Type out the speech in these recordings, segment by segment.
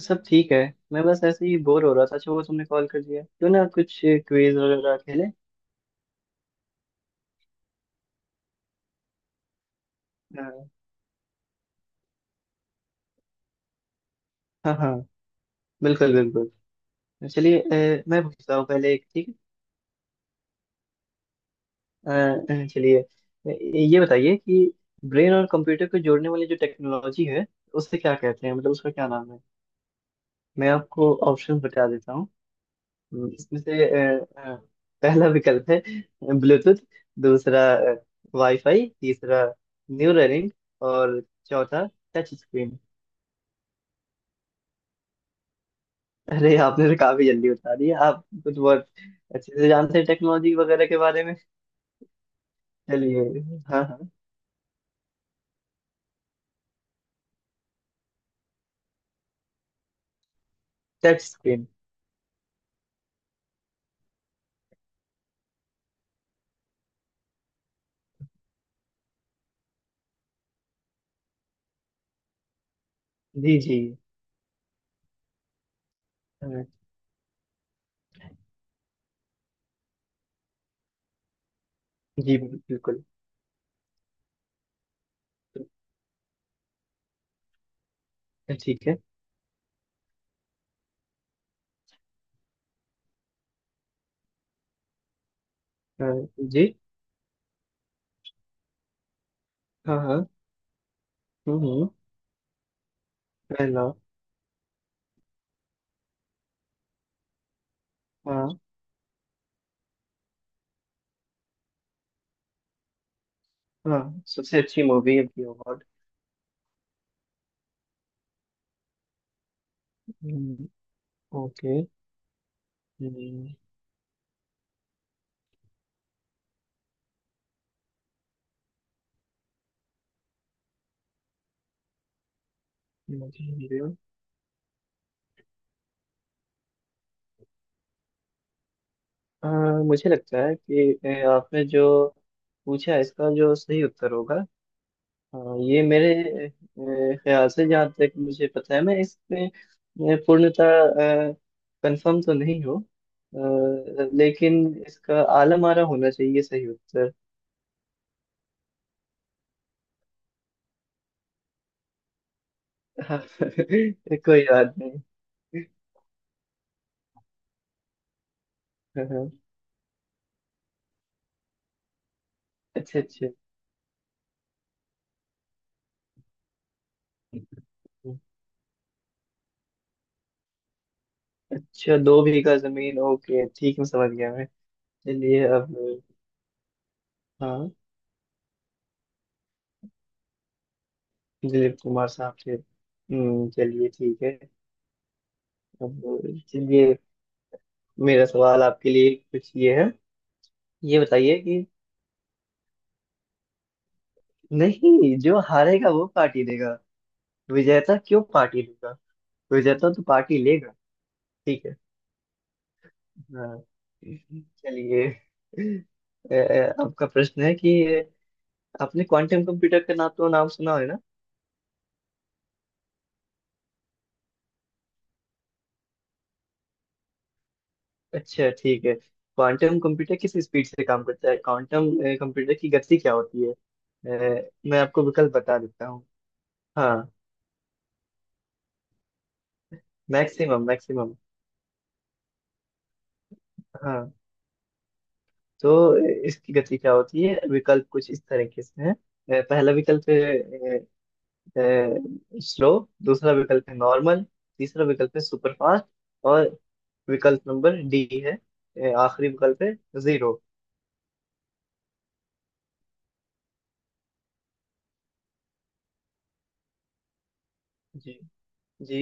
सब ठीक है। मैं बस ऐसे ही बोर हो रहा था। अच्छा, वो तुमने कॉल कर दिया, क्यों ना कुछ क्विज वगैरह खेले। हाँ। हाँ हाँ। बिल्कुल बिल्कुल। चलिए, मैं पूछता हूँ पहले एक। ठीक है। अ, चलिए, ये बताइए कि ब्रेन और कंप्यूटर को जोड़ने वाली जो टेक्नोलॉजी है उसे क्या कहते हैं, मतलब उसका क्या नाम है। मैं आपको ऑप्शन बता देता हूँ। इसमें से पहला विकल्प है ब्लूटूथ। दूसरा वाईफाई। तीसरा न्यूरलिंक। और चौथा टच स्क्रीन। अरे, आपने तो काफी जल्दी बता दिया। आप कुछ बहुत अच्छे से जानते हैं टेक्नोलॉजी वगैरह के बारे में। चलिए। हाँ हाँ। Touch screen. जी जी। हाँ, जी। बिल्कुल। तो ठीक है। हाँ, जी। हाँ हाँ। हम्म। पहला। हाँ हाँ सबसे अच्छी मूवी है की अवार्ड। हम्म। ओके। हम्म। मुझे video- हाँ, मुझे लगता है कि आपने जो पूछा है इसका जो सही उत्तर होगा। हाँ, ये मेरे ख्याल से, जहाँ तक मुझे पता है, मैं इसमें पूर्णतः कंफर्म तो नहीं हूँ, लेकिन इसका आलम आरा होना चाहिए सही उत्तर। हाँ, कोई बात नहीं। हाँ, हाँ। अच्छा अच्छा। अच्छा, दो बीघा जमीन। ओके, ठीक है, समझ गया मैं। चलिए अब। हाँ। दिलीप कुमार साहब से। चलिए, ठीक है। अब चलिए, मेरा सवाल आपके लिए कुछ ये है। ये बताइए कि नहीं, जो हारेगा वो पार्टी देगा। विजेता क्यों पार्टी देगा। विजेता तो पार्टी लेगा। ठीक है। हाँ चलिए। अ, आपका प्रश्न है कि आपने क्वांटम कंप्यूटर का नाम, तो नाम सुना है ना। अच्छा ठीक है, क्वांटम कंप्यूटर किस स्पीड से काम करता है, क्वांटम कंप्यूटर की गति क्या होती है। मैं आपको विकल्प बता देता हूँ। हाँ, मैक्सिमम मैक्सिमम। हाँ, तो इसकी गति क्या होती है, विकल्प कुछ इस तरीके से है। पहला विकल्प स्लो। दूसरा विकल्प है नॉर्मल। तीसरा विकल्प है सुपर फास्ट। और विकल्प नंबर डी है, आखिरी विकल्प है जीरो। जी। जी।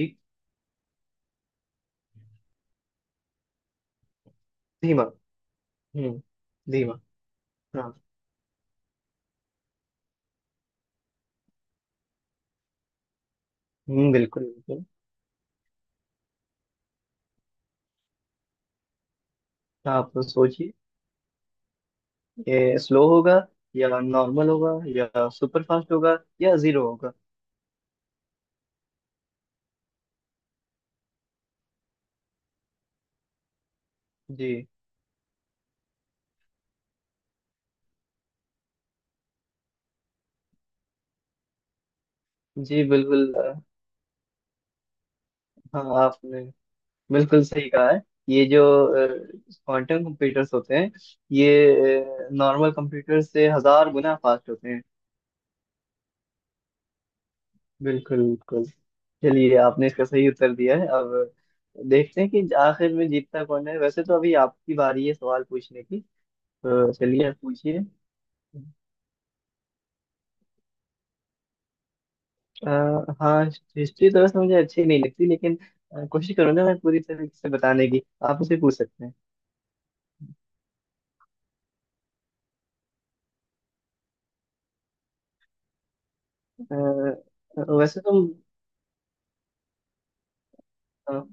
धीमा। हम्म। धीमा। हाँ। हम्म। बिल्कुल बिल्कुल। आप सोचिए, ये स्लो होगा या नॉर्मल होगा या सुपर फास्ट होगा या जीरो होगा। जी। जी बिल्कुल। हाँ, आपने बिल्कुल सही कहा है। ये जो क्वांटम कंप्यूटर्स होते हैं, ये नॉर्मल कंप्यूटर से 1,000 गुना फास्ट होते हैं। बिल्कुल बिल्कुल। चलिए, आपने इसका सही उत्तर दिया है। अब देखते हैं कि आखिर में जीतता कौन है। वैसे तो अभी आपकी बारी है सवाल पूछने की। तो चलिए, आप पूछिए। अ, हाँ, हिस्ट्री तो वैसे मुझे अच्छी नहीं लगती, लेकिन कोशिश करूंगा मैं पूरी तरीके से बताने की। आप उसे पूछ सकते हैं। वैसे तो अ,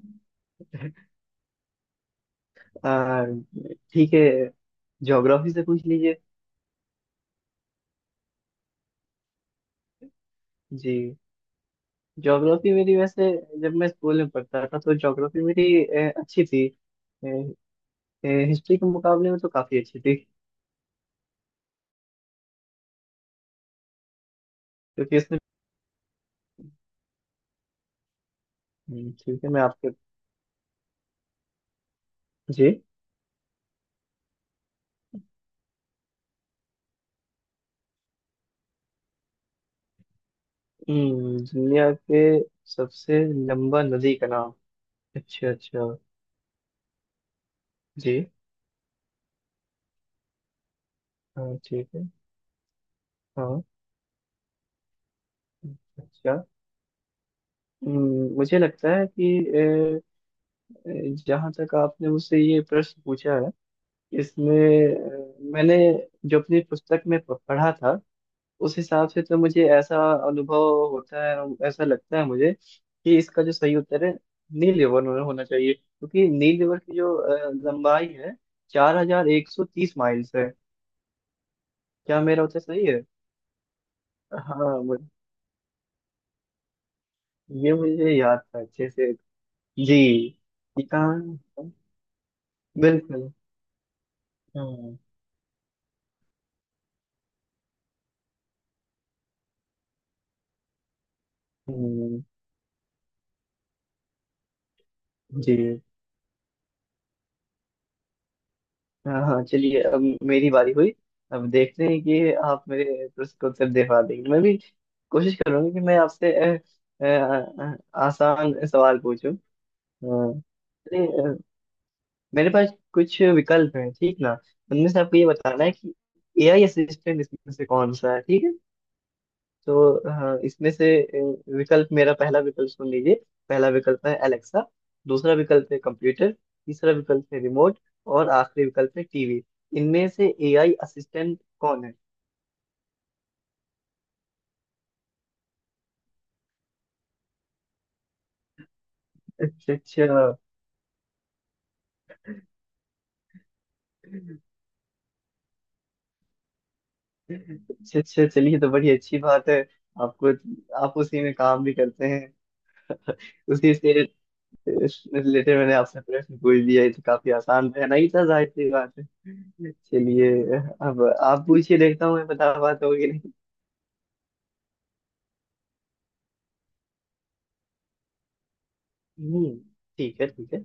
आ, ठीक है, ज्योग्राफी से पूछ लीजिए। जी, ज्योग्राफी मेरी वैसे जब मैं स्कूल में पढ़ता था तो ज्योग्राफी मेरी अच्छी थी। हिस्ट्री के मुकाबले में तो काफी अच्छी थी। क्योंकि इसमें हम्म। ठीक है, मैं आपके जी। दुनिया के सबसे लंबा नदी का नाम। अच्छा अच्छा। जी। हाँ ठीक है। हाँ। अच्छा। मुझे लगता है कि अ, जहाँ तक आपने मुझसे ये प्रश्न पूछा है, इसमें मैंने जो अपनी पुस्तक में पढ़ा था, उस हिसाब से तो मुझे ऐसा अनुभव होता है और ऐसा लगता है मुझे कि इसका जो सही उत्तर है, नील यवन होना होना चाहिए। क्योंकि नील यवन की जो लंबाई है 4,130 माइल्स है। क्या मेरा उत्तर सही है? हाँ, ये मुझे याद था अच्छे से। जी। ये कहाँ? बिल्कुल। हाँ। हम्म। जी। हाँ हाँ, चलिए अब मेरी बारी हुई। अब देखते हैं कि आप मेरे प्रश्न को उत्तर दे पा देंगे। मैं भी कोशिश करूंगा कि मैं आपसे अ, अ, आसान सवाल पूछूं। हाँ। अरे, मेरे पास कुछ विकल्प हैं, ठीक ना। उनमें से आपको ये बताना है कि एआई असिस्टेंट इसमें से कौन सा है, ठीक है। तो हाँ, इसमें से विकल्प, मेरा पहला विकल्प सुन लीजिए। पहला विकल्प है एलेक्सा। दूसरा विकल्प है कंप्यूटर। तीसरा विकल्प है रिमोट। और आखिरी विकल्प है टीवी। इनमें से एआई असिस्टेंट कौन है? अच्छा अच्छा। अच्छा अच्छा, चलिए तो बड़ी अच्छी बात है। आपको, आप उसी में काम भी करते हैं, उसी से रिलेटेड मैंने आपसे प्रश्न पूछ दिया। ये तो काफी आसान रहना ही था, जाहिर सी बात है। चलिए, अब आप पूछिए, देखता हूँ मैं बता पाता हूँ कि। हम्म, ठीक है ठीक है।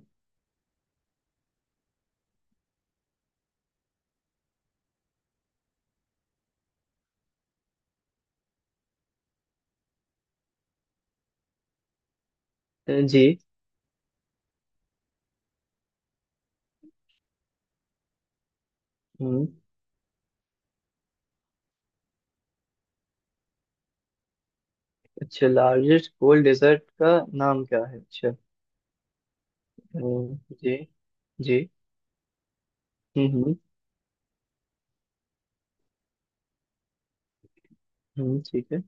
जी। हम्म। अच्छा, लार्जेस्ट कोल्ड डेजर्ट का नाम क्या है, अच्छा। हम्म। जी। जी। हम्म। ठीक है।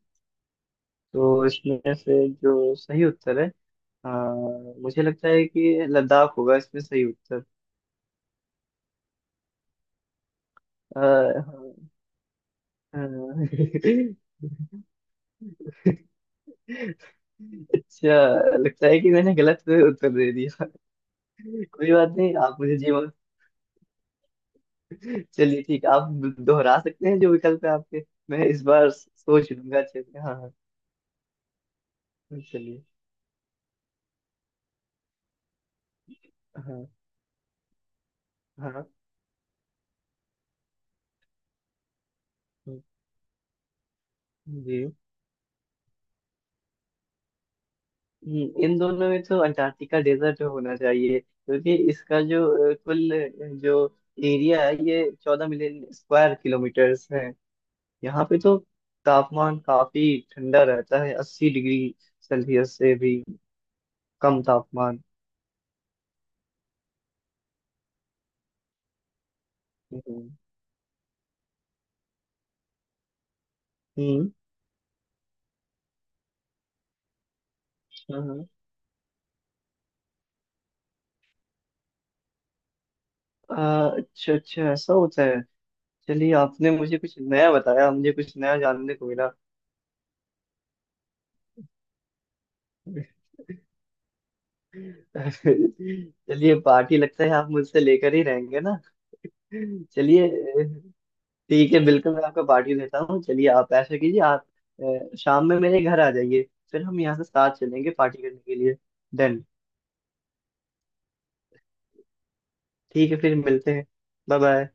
तो इसमें से जो सही उत्तर है, अ, मुझे लगता है कि लद्दाख होगा इसमें सही उत्तर। हाँ। अ, अच्छा, लगता है कि मैंने गलत उत्तर दे दिया। कोई बात नहीं, आप मुझे जी। चलिए ठीक है, आप दोहरा सकते हैं जो विकल्प है आपके। मैं इस बार सोच लूंगा अच्छे से। हाँ हाँ। चलिए। हाँ हाँ। हाँ, जी। इन दोनों में तो अंटार्कटिका डेजर्ट होना चाहिए क्योंकि इसका जो कुल जो एरिया है, ये 14 मिलियन स्क्वायर किलोमीटर्स है। यहाँ पे तो तापमान काफी ठंडा रहता है, 80 डिग्री सेल्सियस से भी कम तापमान। हम्म हम्म। हाँ हाँ। अच्छा अच्छा, ऐसा होता है। चलिए, आपने मुझे कुछ नया बताया, मुझे कुछ नया जानने को मिला। चलिए, पार्टी लगता है आप मुझसे लेकर ही रहेंगे ना। चलिए ठीक है, बिल्कुल मैं आपको पार्टी देता हूँ। चलिए, आप ऐसा कीजिए, आप शाम में मेरे घर आ जाइए। फिर हम यहाँ से साथ चलेंगे पार्टी करने के लिए। डन। ठीक है, फिर मिलते हैं। Bye bye.